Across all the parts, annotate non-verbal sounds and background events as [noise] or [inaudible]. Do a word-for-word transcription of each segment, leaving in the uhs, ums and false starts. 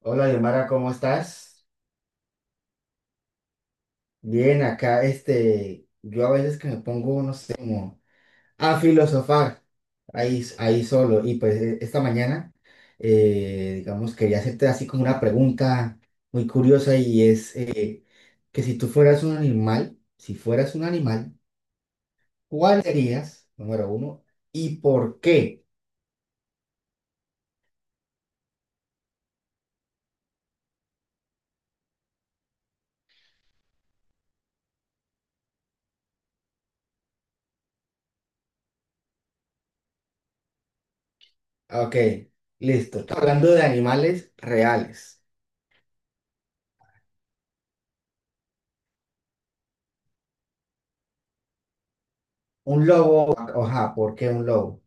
Hola, Yomara, ¿cómo estás? Bien, acá, este, yo a veces que me pongo, no sé, como a filosofar ahí, ahí solo. Y pues eh, esta mañana, eh, digamos, quería hacerte así como una pregunta muy curiosa y es eh, que si tú fueras un animal, si fueras un animal, ¿cuál serías? Número uno, ¿y por qué? Ah, ok, listo. Hablando de animales reales. Un lobo, ajá, ¿por qué un lobo?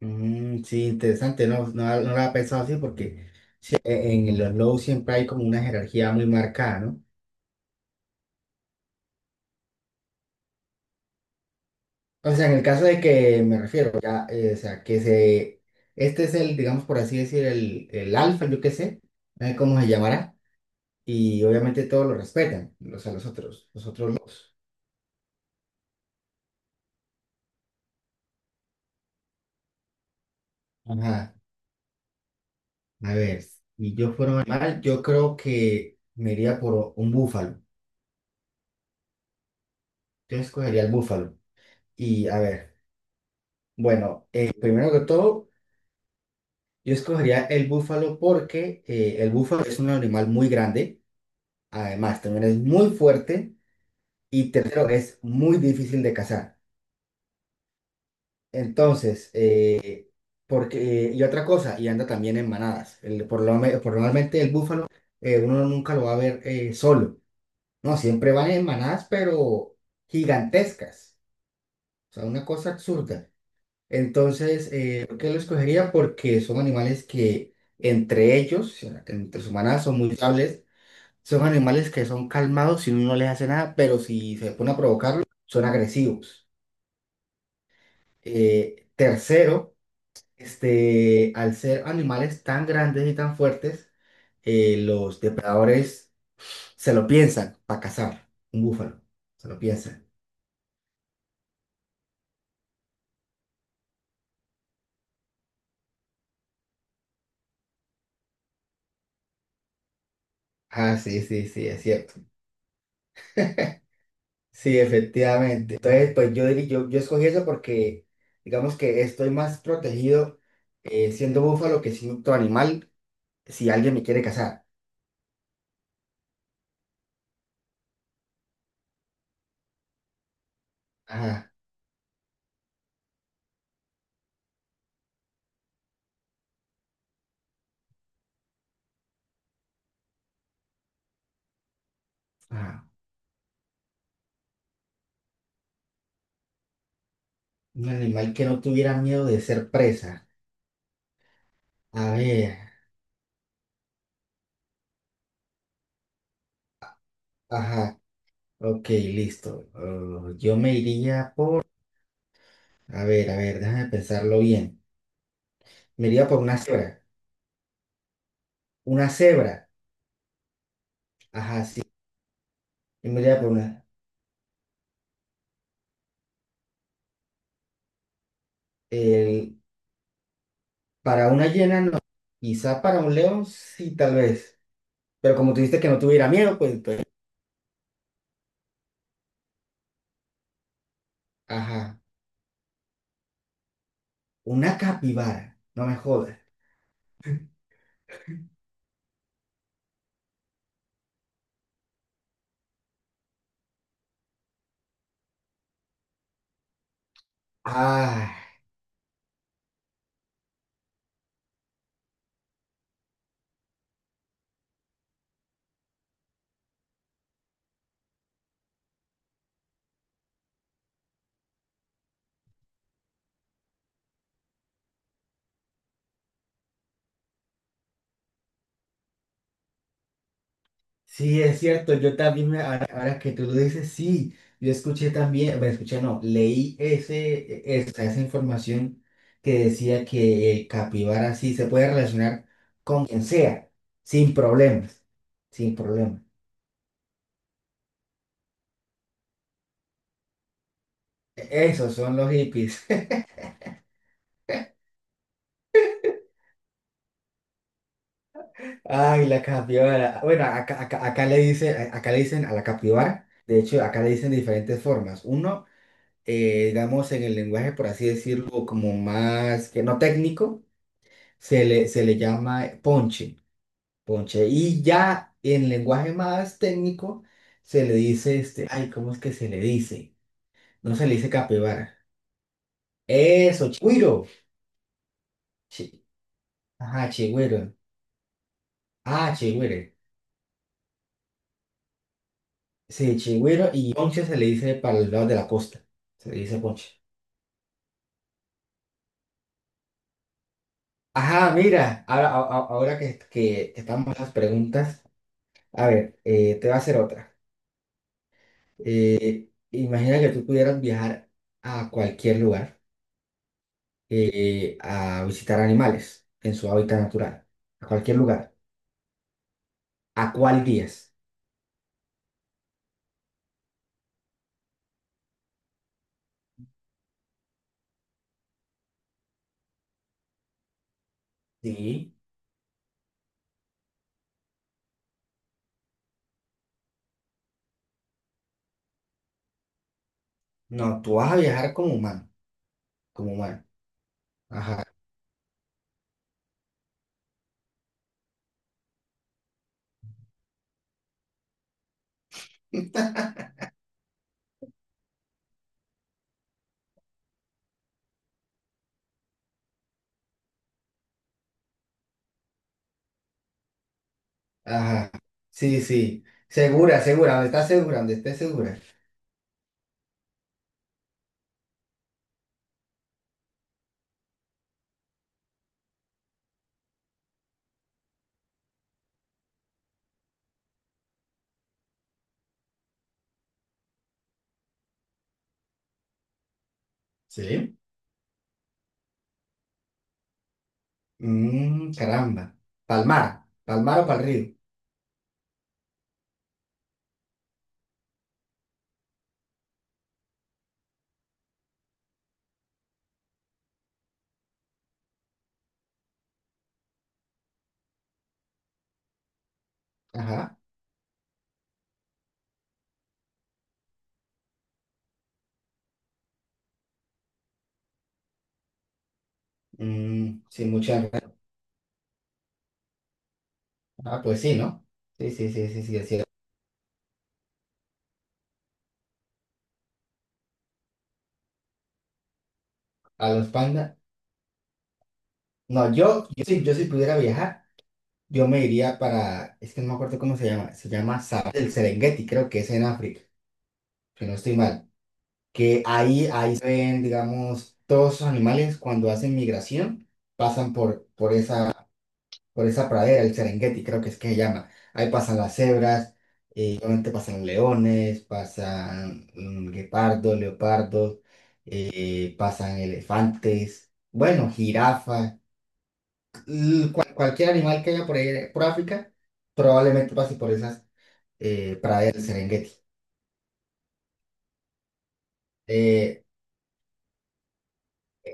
Mm, sí, interesante, no, no, no lo había pensado así porque sí, en en los lows siempre hay como una jerarquía muy marcada, ¿no? O sea, en el caso de que me refiero, ya, eh, o sea, que se, este es el, digamos por así decir, el, el alfa, yo qué sé, no sé cómo se llamará, y obviamente todos lo respetan, los a los otros, los otros lows. Ajá, a ver, si yo fuera un animal, yo creo que me iría por un búfalo, yo escogería el búfalo, y a ver, bueno, eh, primero que todo, yo escogería el búfalo porque eh, el búfalo es un animal muy grande, además también es muy fuerte y tercero es muy difícil de cazar. Entonces, eh, porque, eh, y otra cosa, y anda también en manadas. El- por lo, me- por normalmente el búfalo eh, uno nunca lo va a ver eh, solo, ¿no? Siempre van en manadas, pero gigantescas, o sea, una cosa absurda. Entonces, eh, ¿por qué lo escogería? Porque son animales que entre ellos, entre sus manadas son muy estables. Son animales que son calmados si uno no les hace nada, pero si se pone a provocarlos, son agresivos. Eh, tercero, este, al ser animales tan grandes y tan fuertes, eh, los depredadores se lo piensan para cazar un búfalo. Se lo piensan. Ah, sí, sí, sí, es cierto. Sí, efectivamente. Entonces, pues yo, diría- yo, yo escogí eso porque, digamos que estoy más protegido eh, siendo búfalo que siendo otro animal si alguien me quiere cazar. Ajá. Ajá. Un animal que no tuviera miedo de ser presa. A ver, ajá, ok, listo. Uh, yo me iría por... A ver, a ver, déjame pensarlo bien. Me iría por una cebra. Una cebra. Ajá, sí. Yo me iría por una... el- Para una hiena no. Quizá para un león sí, tal vez. Pero como tú dijiste que no tuviera miedo, pues... pues, ajá. Una capibara. No me jodas. Ah. Sí, es cierto, yo también, me- ahora, ahora que tú lo dices, sí, yo escuché también, bueno, escuché, no, leí ese, e, esa, esa información que decía que el capibara sí se puede relacionar con quien sea, sin problemas, sin problemas. E- Esos son los hippies. [laughs] Ay, la capibara. Bueno, acá, acá, acá le dice, acá le dicen a la capibara, de hecho, acá le dicen de diferentes formas. Uno, eh, digamos, en el lenguaje, por así decirlo, como más que no técnico. se le, se le llama ponche, ponche. Y ya en lenguaje más técnico se le dice este, ay, ¿cómo es que se le dice? No se le dice capibara. Eso, chigüiro. Chi- Ajá, chigüiro. Ah, chigüiro. Sí, chigüiro y ponche se le dice para el lado de la costa. Se le dice ponche. Ajá, mira, ahora, a- a- ahora que, que estamos en las preguntas, a ver, eh, te voy a hacer otra. Eh, imagina que tú pudieras viajar a cualquier lugar eh, a visitar animales en su hábitat natural, a cualquier lugar. ¿A cuál días? Sí. No, tú vas a viajar como humano, como humano. Ajá, ajá. Sí, sí. Segura, segura, donde estás segura, donde estés segura. Sí. Mm, caramba. Palmar, Palmar o Pal río. Ajá. Mm, sin mucha enredo. Ah, pues sí, ¿no? Sí, sí, sí, sí, sí, es... A los pandas. No, yo, yo sí, yo si pudiera viajar. Yo me iría para, es que no me acuerdo cómo se llama, se llama Safari del Serengeti, creo que es en África, si no estoy mal, que ahí, ahí se ven, digamos, todos esos animales cuando hacen migración, pasan por, por esa, por esa pradera, el Serengeti, creo que es que se llama. Ahí pasan las cebras, y obviamente pasan leones, pasan mm, guepardos, leopardos, eh, pasan elefantes, bueno, jirafas, l- cual- cualquier animal que haya por ahí, por África, probablemente pase por esas eh, Praia del Serengeti. Eh,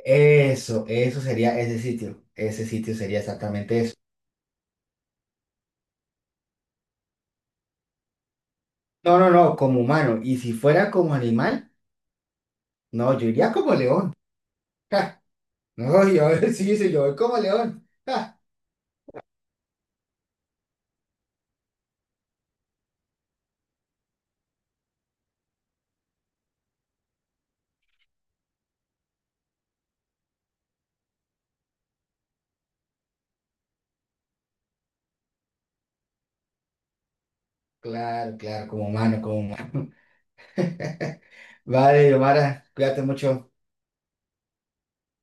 eso, eso sería ese sitio. Ese sitio sería exactamente eso. No, no, no, como humano. Y si fuera como animal, no, yo iría como león. [laughs] Ja, no, yo [laughs] sí, sí, yo voy como león. Ja, claro, claro, como humano, como humano. [laughs] Vale, Yomara, cuídate mucho.